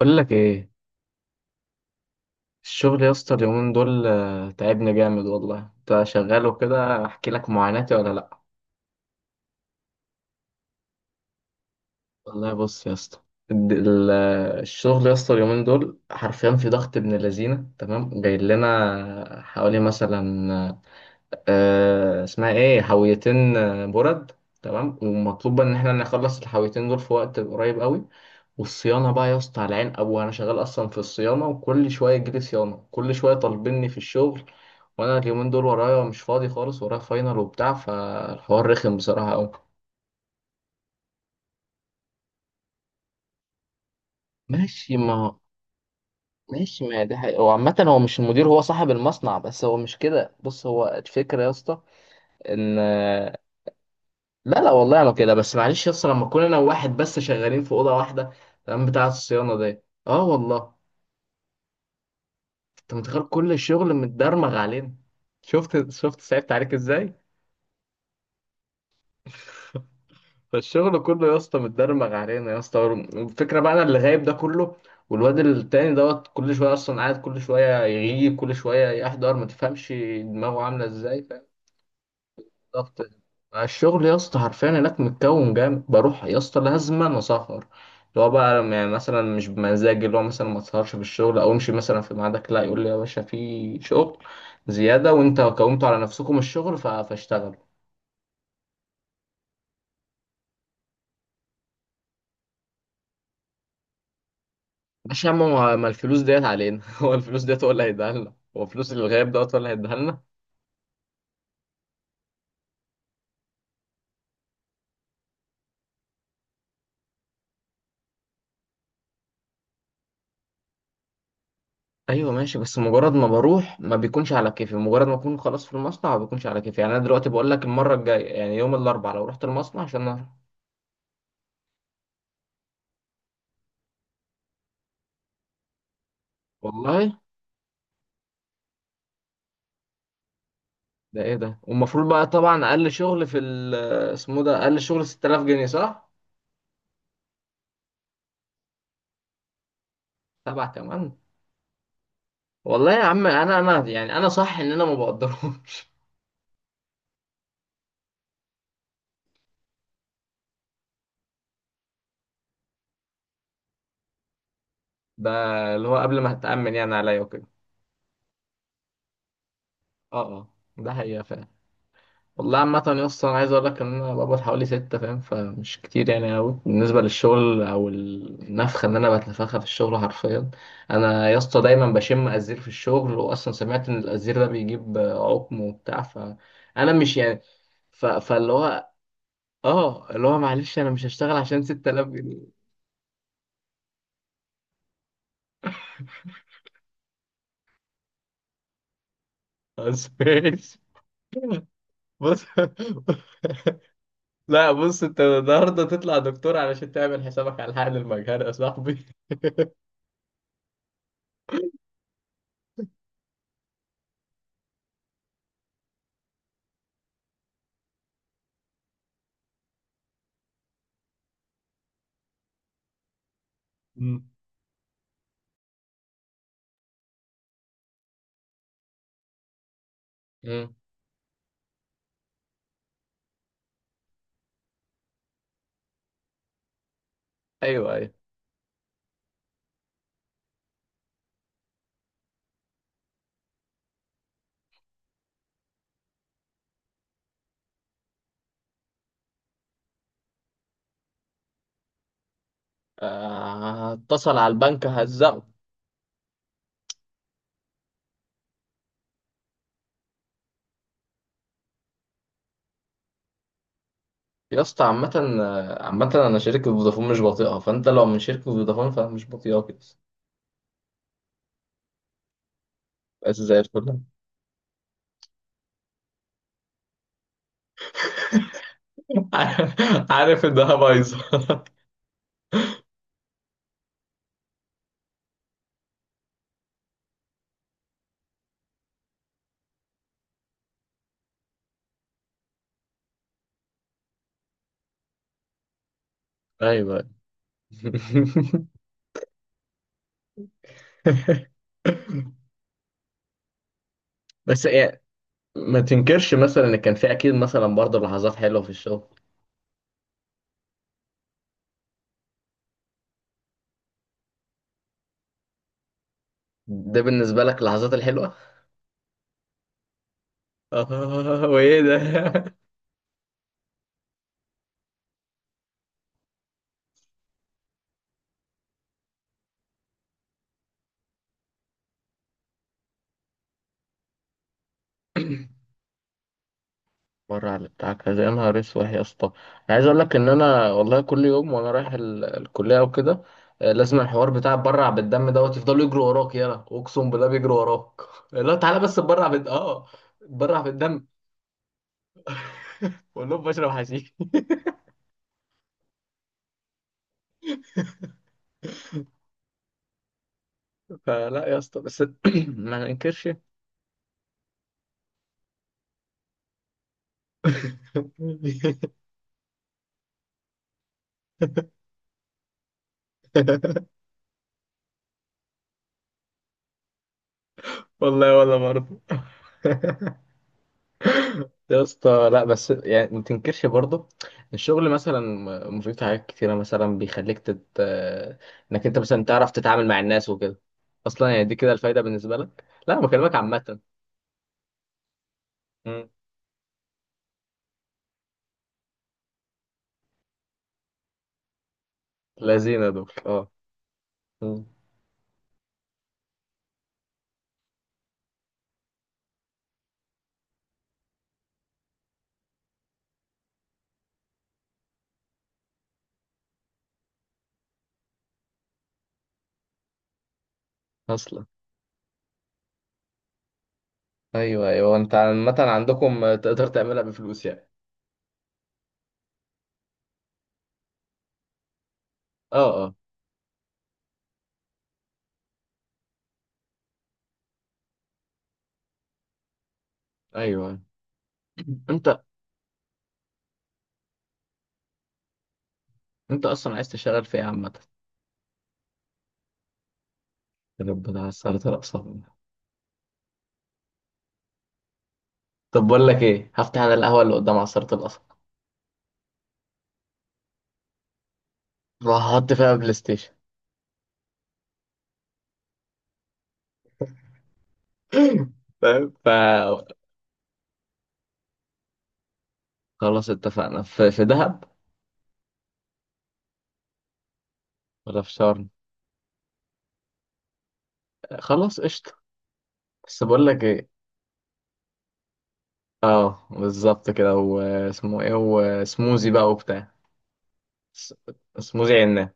بقول لك ايه؟ الشغل يا اسطى اليومين دول تعبني جامد والله. انت شغال وكده، احكي لك معاناتي ولا لا؟ والله بص يا اسطى، الشغل يا اسطى اليومين دول حرفيا في ضغط ابن لذينه. تمام، جاي لنا حوالي مثلا اسمها ايه، حاويتين برد. تمام، ومطلوب ان احنا نخلص الحاويتين دول في وقت قريب قوي. والصيانة بقى يا اسطى على عين أبوه، أنا شغال أصلا في الصيانة، وكل شوية يجيلي صيانة، كل شوية طالبيني في الشغل. وأنا اليومين دول ورايا مش فاضي خالص، ورايا فاينل وبتاع، فالحوار رخم بصراحة أوي. ماشي ما. ماشي ما ده حقيقة. هو عامة هو مش المدير، هو صاحب المصنع، بس هو مش كده. بص، هو الفكرة يا اسطى إن لا، والله أنا كده بس. معلش يا اسطى، لما أكون أنا وواحد بس شغالين في أوضة واحدة، تمام، بتاعة الصيانة دي. أه والله. أنت متخيل كل الشغل متدرمغ علينا؟ شفت صعبت عليك ازاي؟ فالشغل كله يا اسطى متدرمغ علينا يا اسطى. الفكره بقى انا اللي غايب ده كله، والواد التاني دوت كل شويه اصلا قاعد، كل شويه يغيب، كل شويه يحضر. ما تفهمش دماغه عامله ازاي، فاهم؟ ضغط الشغل يا اسطى حرفيا هناك متكون جامد. بروح يا اسطى لازما أنا اسهر، اللي هو بقى يعني مثلا مش بمزاجي، اللي هو مثلا ما تسهرش في الشغل او امشي مثلا في ميعادك. لا، يقول لي يا باشا في شغل زياده، وانت كونتوا على نفسكم الشغل، فاشتغلوا. ماشي يا عم، ما الفلوس ديت علينا هو الفلوس ديت هو اللي هيديها لنا، هو فلوس الغياب دوت هو اللي هيديها لنا. ايوه ماشي، بس مجرد ما بروح ما بيكونش على كيفي، مجرد ما اكون خلاص في المصنع ما بيكونش على كيفي. يعني انا دلوقتي بقول لك، المره الجايه يعني يوم الاربعاء لو رحت المصنع عشان أروح. والله ده ايه ده؟ والمفروض بقى طبعا اقل شغل في اسمه ده، اقل شغل 6000 جنيه، صح؟ سبعة كمان؟ والله يا عم انا، انا يعني انا صح ان انا ما بقدرهمش. ده اللي هو قبل ما هتأمن يعني عليا وكده. اه اه، ده حقيقة فعلا. والله عامة يا اسطى أنا عايز أقول لك إن أنا بقبض حوالي ستة، فاهم؟ فمش كتير يعني أوي بالنسبة للشغل أو النفخة إن أنا بتنفخها في الشغل حرفيا. أنا يا اسطى دايما بشم أزير في الشغل، وأصلا سمعت إن الأزير ده بيجيب عقم وبتاع، فأنا مش يعني فاللي هو آه اللي هو معلش أنا مش هشتغل عشان ستة آلاف جنيه أسبوع. بص لا بص، أنت النهاردة تطلع دكتور علشان تعمل حسابك على حقن المجهر يا صاحبي. مم. مم. أيوه أيوه. هتصل على البنك هزقه. يا اسطى عامة، عامة أنا شركة فودافون مش بطيئة، فأنت لو من شركة فودافون فمش بطيئة كده. بس زي الفل عارف إنها بايظة. ايوه. بس يعني ما تنكرش مثلا ان كان في اكيد مثلا برضه لحظات حلوه في الشغل. ده بالنسبه لك اللحظات الحلوه؟ وإيه ده؟ بره على بتاع كذا، يا نهار اسود يا اسطى، انا عايز اقول لك ان انا والله كل يوم وانا رايح الكليه او كده، لازم الحوار بتاع برع بالدم دوت يفضلوا يجروا وراك. يلا اقسم بالله بيجروا وراك لا تعالى بس برع بال برع بالدم. بقول لهم بشرب حشيش فلا يا اسطى بس ما ننكرش. والله ولا برضه. يا اسطى لا، بس يعني ما تنكرش برضه. الشغل مثلا مفيد في حاجات كتيرة، مثلا بيخليك تت... آه، انك انت مثلا تعرف تتعامل مع الناس وكده. اصلا يعني دي كده الفايدة بالنسبة لك. لا بكلمك عامة. مم. لذينة دول اه. مم. اصلا. ايوه ايوه. انت عامة عندكم تقدر تعملها بفلوس يعني. اه اه. ايوه. انت، انت اصلا عايز تشتغل في ايه عامة؟ ربنا عسلت الأقصى. طب بقول لك ايه، هفتح انا القهوة اللي قدام عصارة القصب، وهحط فيها بلاي ستيشن. فاهم؟ فخلاص. اتفقنا. في دهب ولا في شرم؟ خلاص قشطة. بس بقول لك ايه، اه بالظبط كده، واسمه ايه، وسموزي بقى وبتاع. س- سموزي عنا.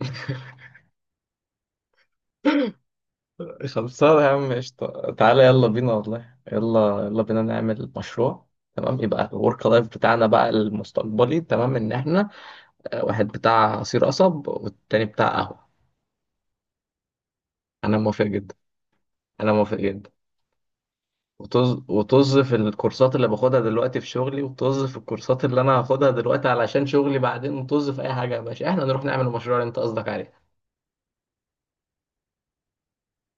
خلصانة يا عم، قشطة، تعالى يلا بينا، والله يلا يلا بينا نعمل مشروع. تمام، يبقى الورك لايف بتاعنا بقى المستقبلي، تمام، ان احنا واحد بتاع عصير قصب والتاني بتاع قهوة. انا موافق جدا. انا موافق جدا. وطز وطز في الكورسات اللي باخدها دلوقتي في شغلي، وطز في الكورسات اللي انا هاخدها دلوقتي علشان شغلي بعدين، وطز في اي حاجه. يا باشا، احنا نروح نعمل المشروع اللي انت قصدك عليه.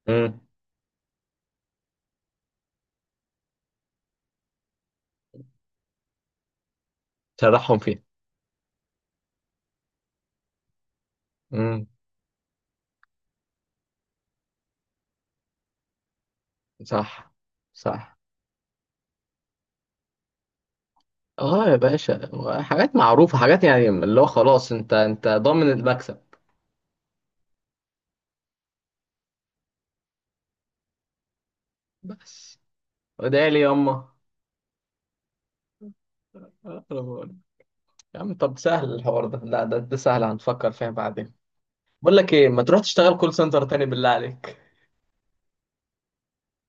امم. تضحهم فيه. امم. صح. صح. اه يا باشا، حاجات معروفه، حاجات يعني اللي هو خلاص انت، انت ضامن المكسب. بس وادعي لي ياما. أنا بقول. يا عم طب سهل الحوار ده، لا ده, ده سهل، هنفكر فيها بعدين. بقول لك ايه، ما تروح تشتغل كول سنتر تاني بالله عليك.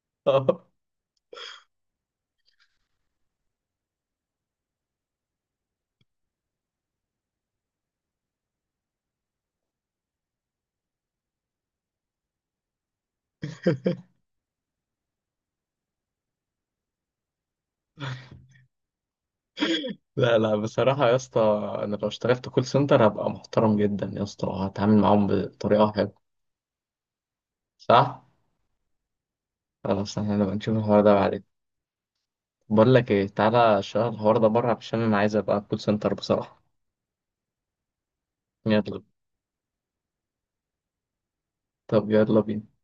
اه. لا لا، بصراحة يا اسطى، أنا لو اشتغلت كول سنتر هبقى محترم جدا يا اسطى، هتعامل معاهم بطريقة حلوة. صح؟ خلاص احنا نبقى نشوف الحوار ده بعدين. بقول لك ايه، تعالى اشتغل الحوار ده بره، عشان أنا عايز أبقى كول سنتر بصراحة. يلا. طب يلا بينا.